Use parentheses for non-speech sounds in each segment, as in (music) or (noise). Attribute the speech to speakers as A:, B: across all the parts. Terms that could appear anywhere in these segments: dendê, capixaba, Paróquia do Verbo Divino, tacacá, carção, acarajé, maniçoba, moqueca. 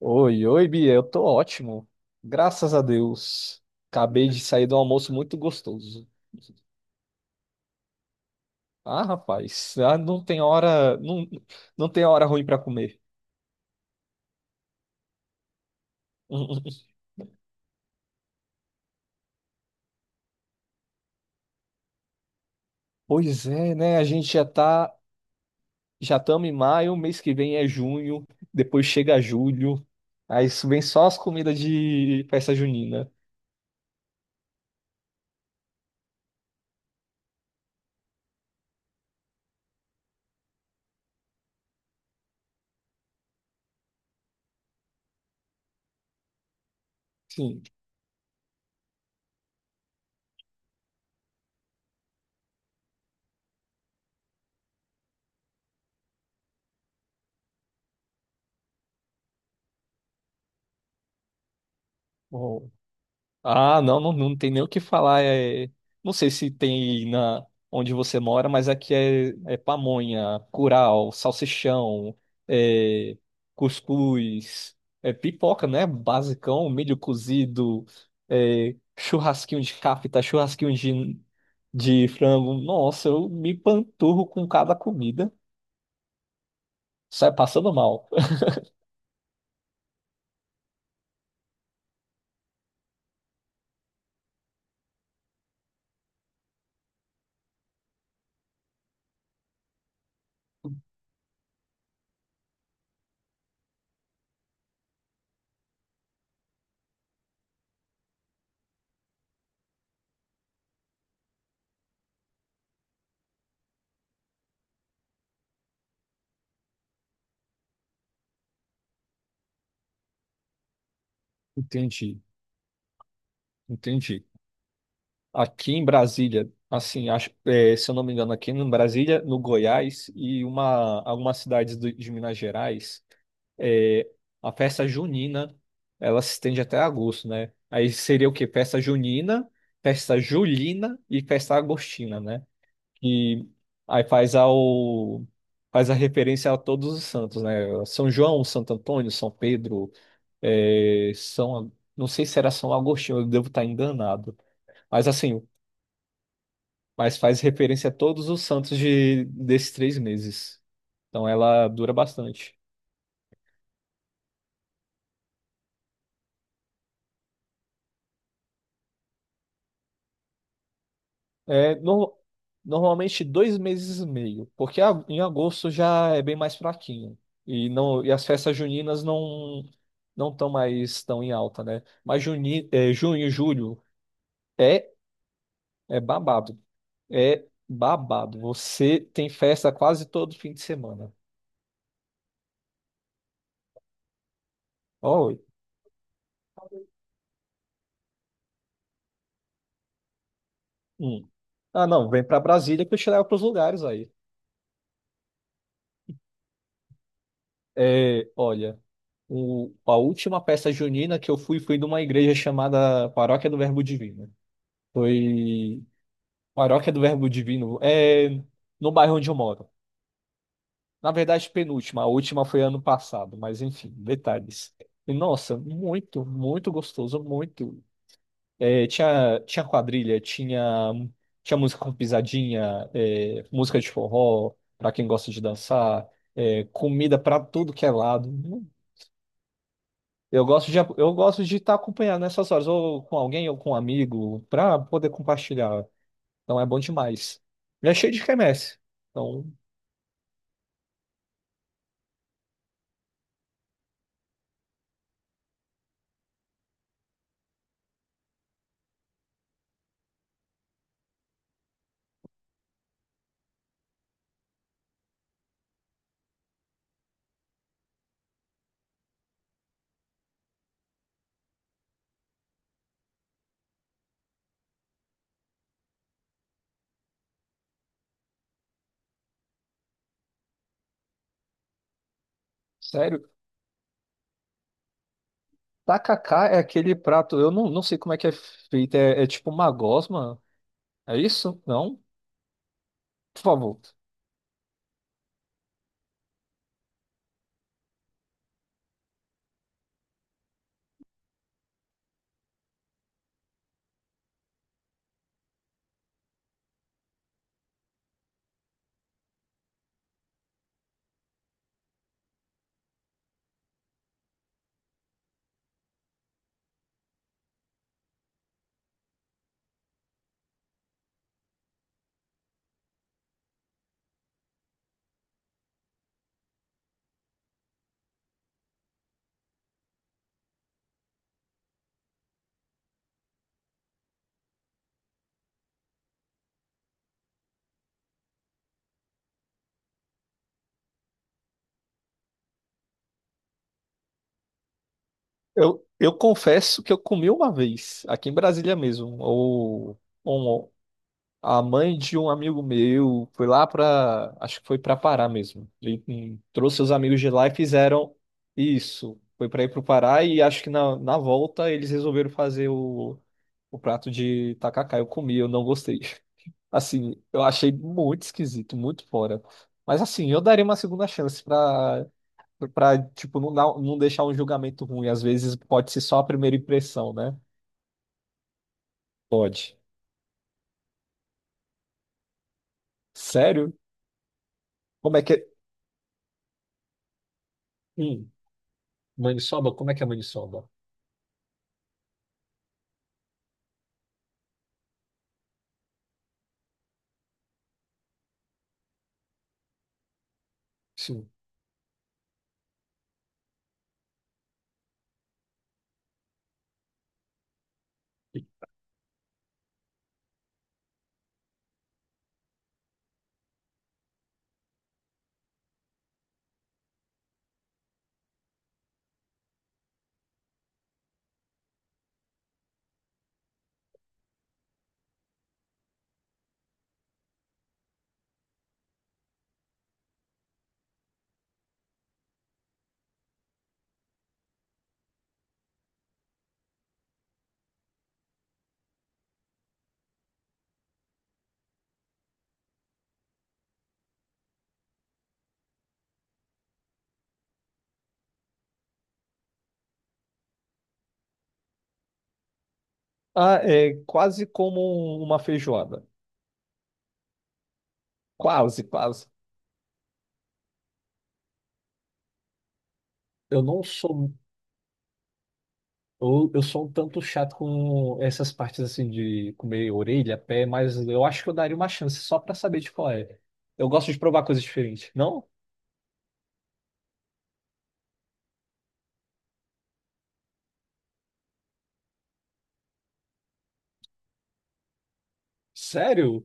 A: Oi, oi, Bia, eu tô ótimo. Graças a Deus. Acabei de sair de um almoço muito gostoso. Ah, rapaz, ah, não tem hora, não, não tem hora ruim pra comer. (laughs) Pois é, né? A gente já tá, já estamos em maio, mês que vem é junho, depois chega julho. Aí isso vem só as comidas de festa junina. Sim. Ah, não, não, não tem nem o que falar. É, não sei se tem na onde você mora, mas aqui é pamonha, curau, salsichão, é, cuscuz, pipoca, né? Basicão, milho cozido, churrasquinho de capita, churrasquinho de frango. Nossa, eu me panturro com cada comida. Sai passando mal. Entendi, entendi. Aqui em Brasília, assim, acho, se eu não me engano, aqui em Brasília, no Goiás e algumas cidades de Minas Gerais, é, a festa junina, ela se estende até agosto, né? Aí seria o quê? Festa junina, festa julina e festa agostina, né? E aí faz a referência a todos os santos, né? São João, Santo Antônio, São Pedro, São, não sei se era São Agostinho, eu devo estar enganado. Mas assim, mas faz referência a todos os santos desses três meses. Então ela dura bastante. É, no- normalmente dois meses e meio, porque em agosto já é bem mais fraquinho. E, não, e as festas juninas não estão mais tão em alta, né? Mas junho, julho é, é babado. É babado. Você tem festa quase todo fim de semana. Oh, hum. Ah, não, vem para Brasília que eu te levo para os lugares aí. É, olha, a última peça junina que eu fui foi numa igreja chamada Paróquia do Verbo Divino. Foi Paróquia do Verbo Divino, é no bairro onde eu moro. Na verdade, penúltima, a última foi ano passado, mas enfim, detalhes. E, nossa, muito, muito gostoso, muito. É, tinha quadrilha, tinha música com pisadinha, música de forró, pra quem gosta de dançar, comida pra tudo que é lado. Eu gosto de estar acompanhado nessas horas, ou com alguém, ou com um amigo, para poder compartilhar. Então é bom demais. E é cheio de quermesse. Então, sério, tacacá é aquele prato, eu não, não sei como é que é feito, é tipo uma gosma? É isso? Não? Por favor. Eu confesso que eu comi uma vez, aqui em Brasília mesmo, ou A mãe de um amigo meu foi lá pra. Acho que foi pra Pará mesmo. Ele trouxe os amigos de lá e fizeram isso. Foi pra ir pro Pará e acho que na volta eles resolveram fazer o prato de tacacá. Eu comi, eu não gostei. (laughs) Assim, eu achei muito esquisito, muito fora. Mas assim, eu daria uma segunda chance pra tipo, não, não deixar um julgamento ruim. Às vezes pode ser só a primeira impressão, né? Pode. Sério? Como é que é? Hum, maniçoba? Como é que é maniçoba? Sim. Ah, é quase como uma feijoada. Quase, quase. Eu não sou. Eu sou um tanto chato com essas partes assim de comer orelha, pé, mas eu acho que eu daria uma chance só pra saber de qual é. Eu gosto de provar coisas diferentes. Não? Sério?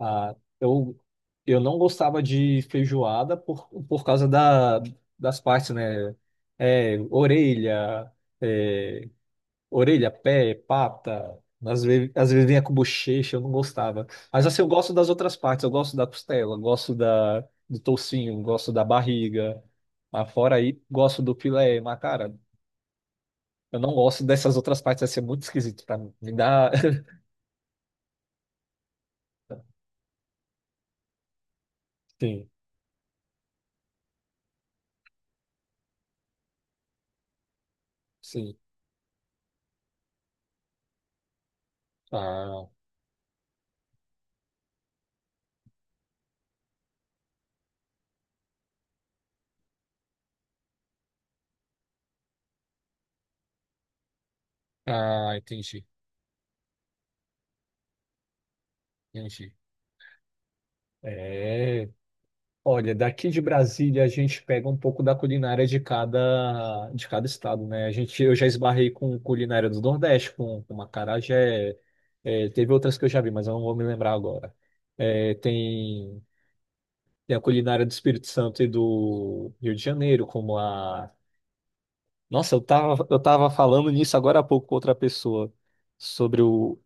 A: Ah, eu não gostava de feijoada por causa das partes, né? É. É, Orelha, pé, pata. Às vezes vinha com bochecha, eu não gostava. Mas assim, eu gosto das outras partes. Eu gosto da costela, eu gosto do toucinho, eu gosto da barriga. Mas fora aí, gosto do filé. Mas, cara, eu não gosto dessas outras partes. Vai ser muito esquisito pra mim. Me dá. (laughs) Sim, sim. Ah, ah, entendi, entendi. É. Olha, daqui de Brasília a gente pega um pouco da culinária de cada estado, né? Eu já esbarrei com culinária do Nordeste, com acarajé, teve outras que eu já vi, mas eu não vou me lembrar agora. É, tem a culinária do Espírito Santo e do Rio de Janeiro, como a. Nossa, eu tava falando nisso agora há pouco com outra pessoa, sobre o,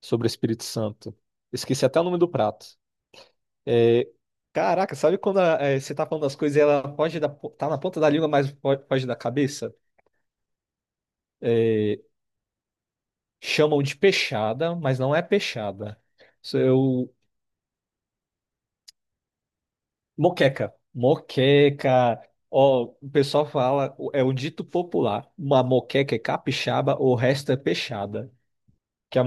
A: sobre o Espírito Santo. Esqueci até o nome do prato. É, caraca, sabe quando você tá falando das coisas e ela foge tá na ponta da língua, mas foge da cabeça? É, chamam de peixada, mas não é peixada. Isso é o moqueca. Moqueca. Ó, o pessoal fala, é um dito popular. Uma moqueca é capixaba, o resto é peixada. Que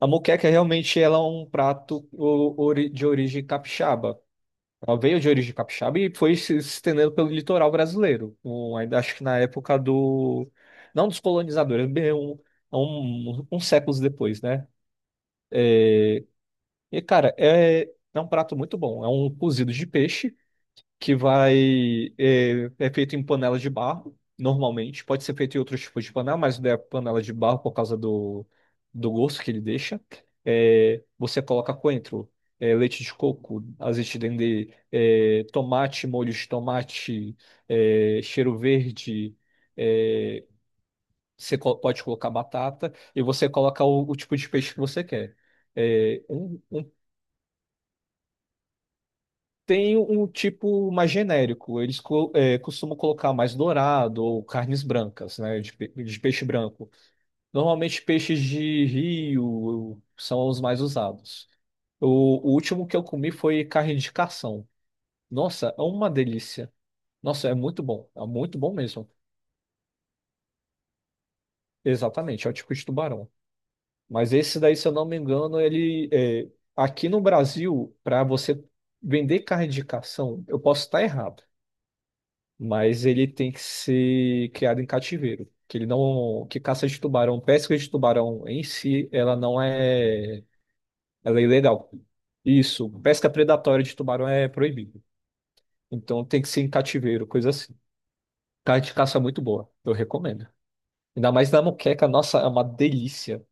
A: a moqueca realmente ela é um prato de origem capixaba. Ela veio de origem capixaba e foi se estendendo pelo litoral brasileiro. Ainda acho que na época do. Não dos colonizadores, bem uns séculos depois, né? E, cara, é um prato muito bom. É um cozido de peixe que é feito em panelas de barro, normalmente. Pode ser feito em outros tipos de panela, mas não é panela de barro por causa do gosto que ele deixa. É, você coloca coentro, leite de coco, azeite dendê, tomate, molho de tomate, cheiro verde. é, você pode colocar batata e você coloca o tipo de peixe que você quer. É, um, um Tem um tipo mais genérico. Eles costumam colocar mais dourado ou carnes brancas, né? De peixe branco. Normalmente peixes de rio são os mais usados. O, o último que eu comi foi carne de carção. Nossa, é uma delícia. Nossa, é muito bom. É muito bom mesmo. Exatamente, é o tipo de tubarão. Mas esse daí, se eu não me engano, ele é, aqui no Brasil, para você vender carne de carção, eu posso estar errado. Mas ele tem que ser criado em cativeiro, que ele não, que caça de tubarão, pesca de tubarão em si, ela não é, ela é ilegal. Isso, pesca predatória de tubarão é proibido. Então tem que ser em cativeiro, coisa assim. Carne de caça é muito boa, eu recomendo. Ainda mais na moqueca, nossa, é uma delícia.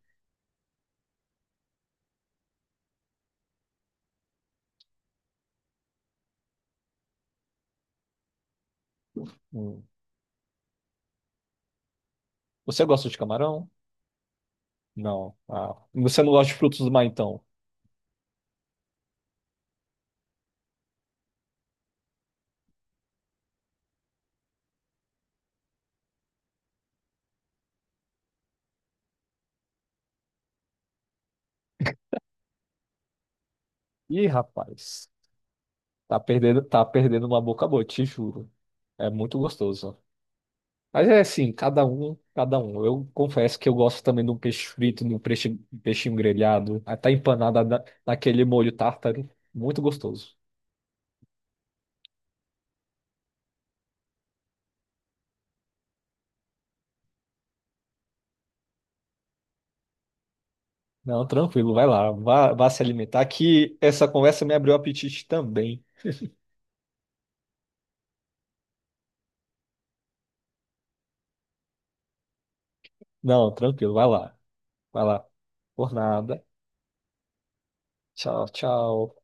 A: Hum. Você gosta de camarão? Não. Ah, você não gosta de frutos do mar, então? Ih, rapaz, tá perdendo uma boca boa, te juro. É muito gostoso. Mas é assim, cada um, cada um. Eu confesso que eu gosto também de um peixe frito, de um peixe, peixinho grelhado, até empanada naquele molho tártaro. Muito gostoso. Não, tranquilo, vai lá, vá, vá se alimentar, que essa conversa me abriu o apetite também. Não, tranquilo, vai lá, vai lá. Por nada. Tchau, tchau.